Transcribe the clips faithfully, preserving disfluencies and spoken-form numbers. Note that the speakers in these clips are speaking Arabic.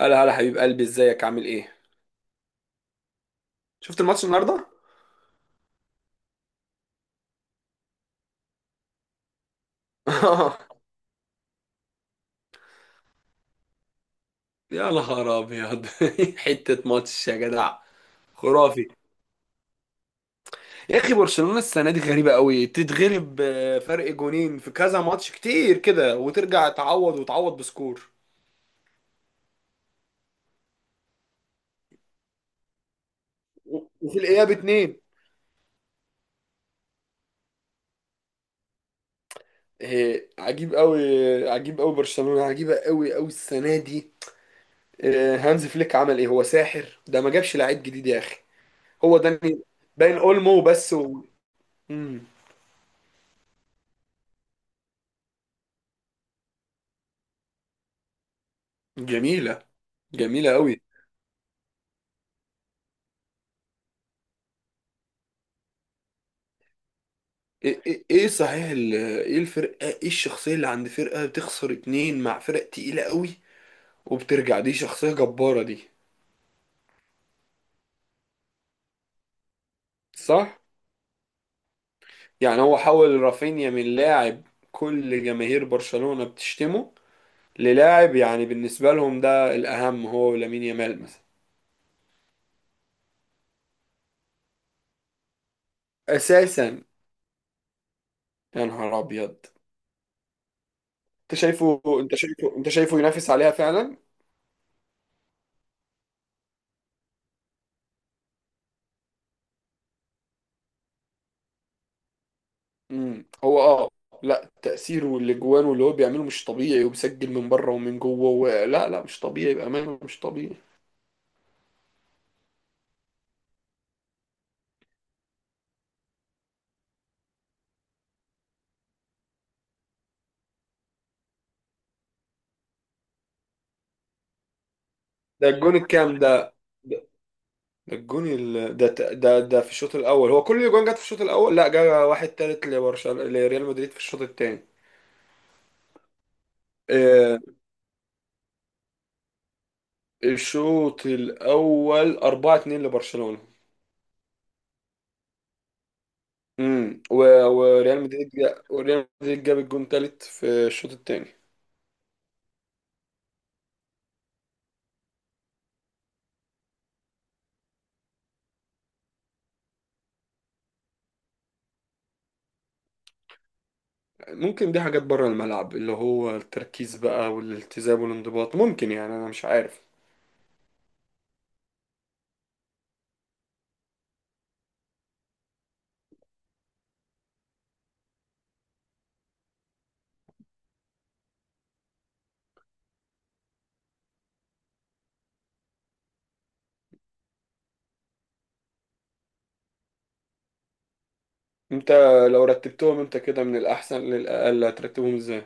هلا هلا حبيب قلبي، ازيك عامل ايه؟ شفت الماتش النهارده؟ يا نهار ابيض. حته ماتش يا جدع. خرافي. يا اخي، برشلونه السنه دي غريبه قوي، تتغلب آه، فرق جونين في كذا ماتش كتير كده وترجع تعوض وتعوض بسكور. و- وفي الاياب اتنين. إيه، عجيب قوي. عجيب قوي، برشلونه عجيبه قوي قوي السنه دي. آه، هانز فليك عمل ايه؟ هو ساحر ده، ما جابش لعيب جديد يا اخي. هو داني. باين اولمو بس و... مم. جميله. جميلة قوي. ايه ايه إيه صحيح ال- ايه الفرقة، ايه الشخصية اللي عند فرقة بتخسر اتنين مع فرق تقيلة قوي وبترجع، دي شخصية جبارة دي. صح؟ يعني هو حول رافينيا من لاعب كل جماهير برشلونة بتشتمه للاعب، يعني بالنسبة لهم ده الأهم، هو ولامين يامال مثلا. أساسا. يا نهار أبيض. أنت شايفه أنت شايفه أنت شايفه ينافس عليها فعلا؟ امم هو اه لا، تأثيره والاجوان واللي هو بيعمله مش طبيعي وبيسجل من بره ومن جوه و... لا لا، مش طبيعي بأمانة، مش طبيعي. ده الجون الكام ده؟ ده ده الجون ال... ده, ت- ده ده في الشوط الاول، هو كل الاجوان جت في الشوط الاول، لا جه واحد تالت لبرشلونة لريال مدريد في الشوط الثاني. آه، الشوط الاول اربعة اتنين لبرشلونة. امم و... وريال مدريد جا... وريال مدريد جاب الجون تالت في الشوط الثاني. ممكن دي حاجات بره الملعب، اللي هو التركيز بقى والالتزام والانضباط، ممكن، يعني انا مش عارف. انت لو رتبتهم انت كده من الاحسن للاقل، هترتبهم ازاي؟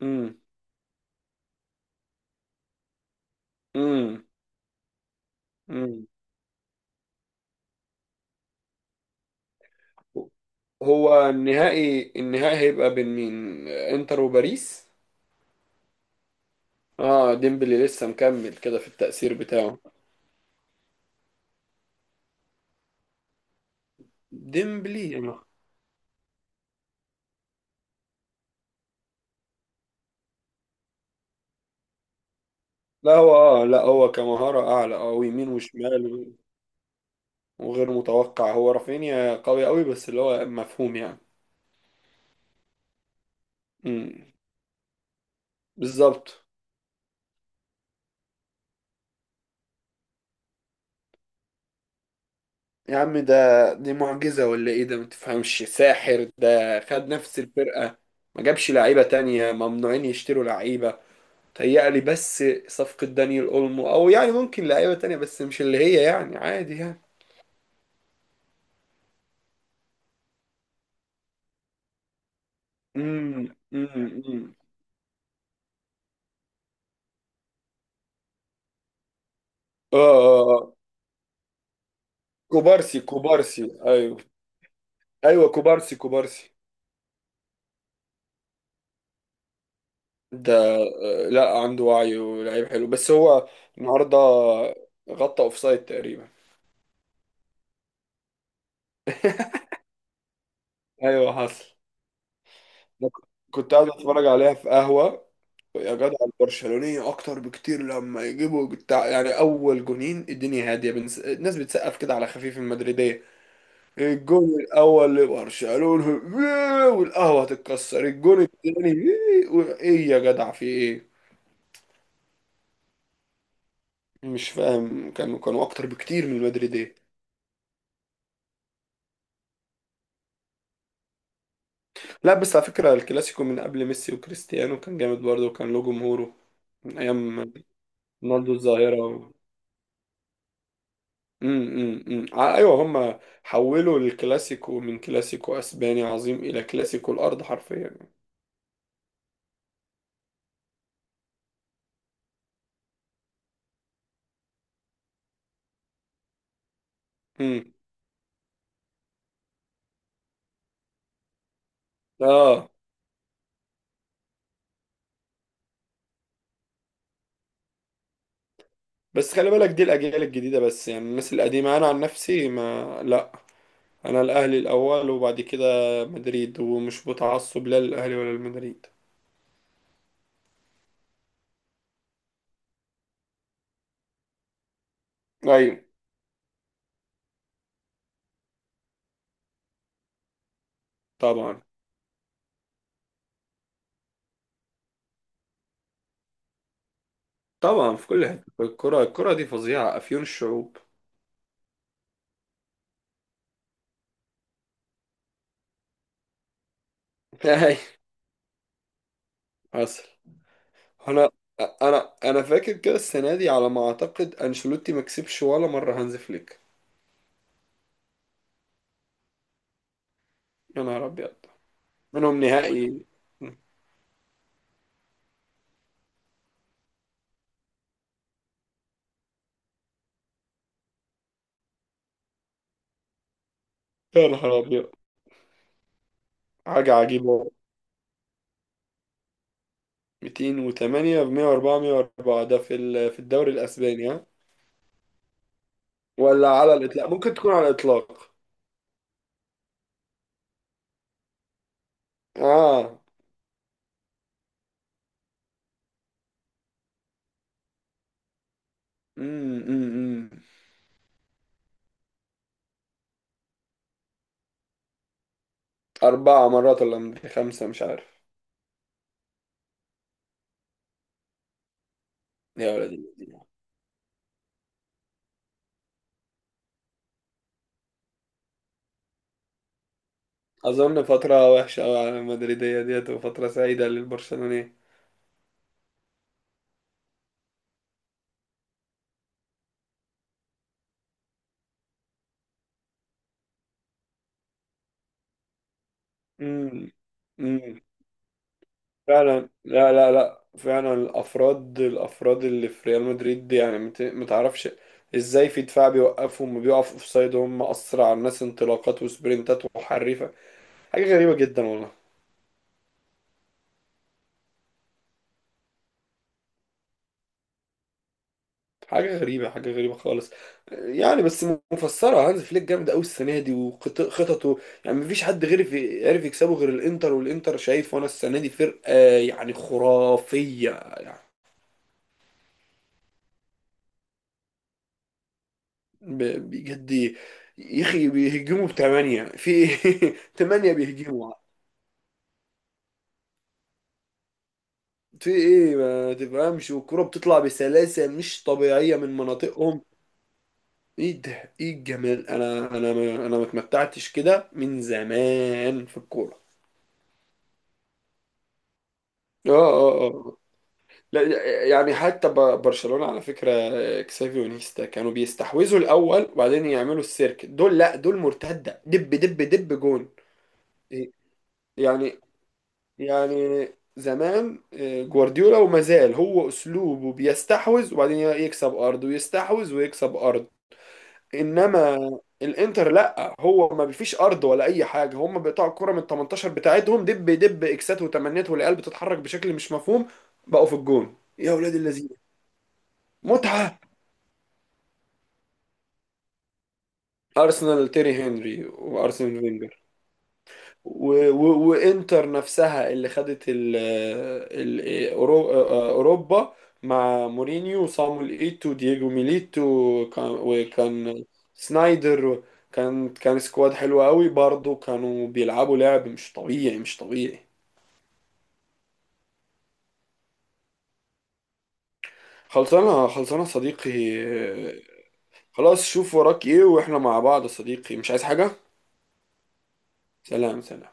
امم امم امم. هو النهائي، النهائي هيبقى بين مين، انتر وباريس؟ اه، ديمبلي لسه مكمل كده في التأثير بتاعه. ديمبلي. لا هو اه لا هو كمهارة اعلى، اه ويمين وشمال و- وغير متوقع. هو رافينيا قوي قوي، بس اللي هو مفهوم يعني. امم. بالظبط. يا عم ده، دي معجزة ولا ايه ده؟ ما تفهمش ساحر ده، خد نفس الفرقة، ما جابش لعيبة تانية، ممنوعين يشتروا لعيبة. تهيألي بس صفقة دانيال اولمو او يعني ممكن لعيبة تانية، بس مش اللي هي، يعني عادي يعني. امم امم امم. اه آه، آه. كوبارسي كوبارسي، ايوه. ايوه كوبارسي كوبارسي. ده آه، لا، عنده وعي ولعيب حلو، بس هو النهارده غطى اوفسايد تقريبا. ايوه حصل. أنا كنت قاعد اتفرج عليها في قهوه. يا جدع، البرشلونيه اكتر بكتير، لما يجيبوا بتاع، يعني اول جونين الدنيا هاديه، بنس... الناس بتسقف كده على خفيف المدريديه. الجون الاول لبرشلونه، والقهوه هتتكسر الجون الثاني. ايه يا جدع، في ايه؟ مش فاهم، كانوا كانوا اكتر بكتير من المدريديه. لا بس على فكره الكلاسيكو من قبل ميسي وكريستيانو كان جامد برضه، وكان له جمهوره من ايام رونالدو الظاهره. امم امم، ايوه، هم حولوا الكلاسيكو من كلاسيكو اسباني عظيم الى كلاسيكو الارض حرفيا يعني. امم. اه بس خلي بالك، دي الاجيال الجديده بس، يعني الناس القديمه انا عن نفسي ما لا، انا الاهلي الاول، وبعد كده مدريد، ومش متعصب لا للاهلي ولا لمدريد. ايوه. طبعا. طبعا في كل حته، الكره، الكره دي فظيعه، افيون الشعوب. ايوه حصل. انا انا انا فاكر كده السنه دي على ما اعتقد، انشيلوتي ما كسبش ولا مره هانز فليك. يا نهار أبيض. منهم نهائي. يا نهار أبيض. حاجة عجيبة. مئتين وتمانية، ب مئة واربعة مئة واربعة، ده في ال- في الدوري الأسباني ها؟ ولا على الإطلاق؟ ممكن تكون على الإطلاق. آه. أمم أمم أمم. أربعة مرات ولا خمسة، مش عارف. يا ولد الذين. أظن فترة وحشة أوي على المدريدية ديت، وفترة سعيدة للبرشلونية. أمم. فعلا، لا لا لا، فعلا الافراد، الافراد اللي في ريال مدريد دي، يعني مت- متعرفش ازاي. في دفاع بيوقفوا وما بيقفوا في سايد، هم اسرع الناس انطلاقات وسبرنتات وحريفه، حاجه غريبه جدا والله. حاجه غريبه، حاجه غريبه خالص، يعني بس مفسره هانز فليك جامد قوي السنه دي وخططه، يعني مفيش حد غير في عارف يكسبه غير الانتر، والانتر شايف وانا السنه دي فرقه يعني خرافيه يعني. ب- بجد يا اخي، بيهجموا بثمانية، في ايه؟ ثمانية بيهجموا، في ايه ما تفهمش، والكرة بتطلع بسلاسة مش طبيعية من مناطقهم. ايه ده، ايه الجمال؟ انا انا ما انا ما اتمتعتش كده من زمان في الكورة. اه اه اه. لا لا، يعني حتى ب- برشلونة على فكرة، اكسافي ونيستا كانوا بيستحوذوا الاول وبعدين يعملوا السيرك، دول لا دول مرتدة، دب دب دب جون. إيه؟ يعني يعني زمان آه، جوارديولا وما زال هو اسلوبه بيستحوذ وبعدين يكسب ارض ويستحوذ ويكسب ارض، انما الانتر لا، هو ما فيش ارض ولا اي حاجه، هم بيقطعوا الكره من تمنتاشر بتاعتهم دب دب اكسات وتمنيات، والعيال بتتحرك بشكل مش مفهوم، بقوا في الجون يا ولاد اللذين. متعه. ارسنال تيري هنري وارسنال فينجر، و- و- وانتر نفسها اللي خدت ال ال أورو- اوروبا مع مورينيو وصامويل ايتو ودييجو ميليتو، وكان وكان سنايدر. كان كان سكواد حلو قوي برضه، كانوا بيلعبوا لعب مش طبيعي، مش طبيعي. خلصانه خلصانه صديقي. خلاص، شوف وراك ايه، واحنا مع بعض يا صديقي، مش عايز حاجه. سلام سلام.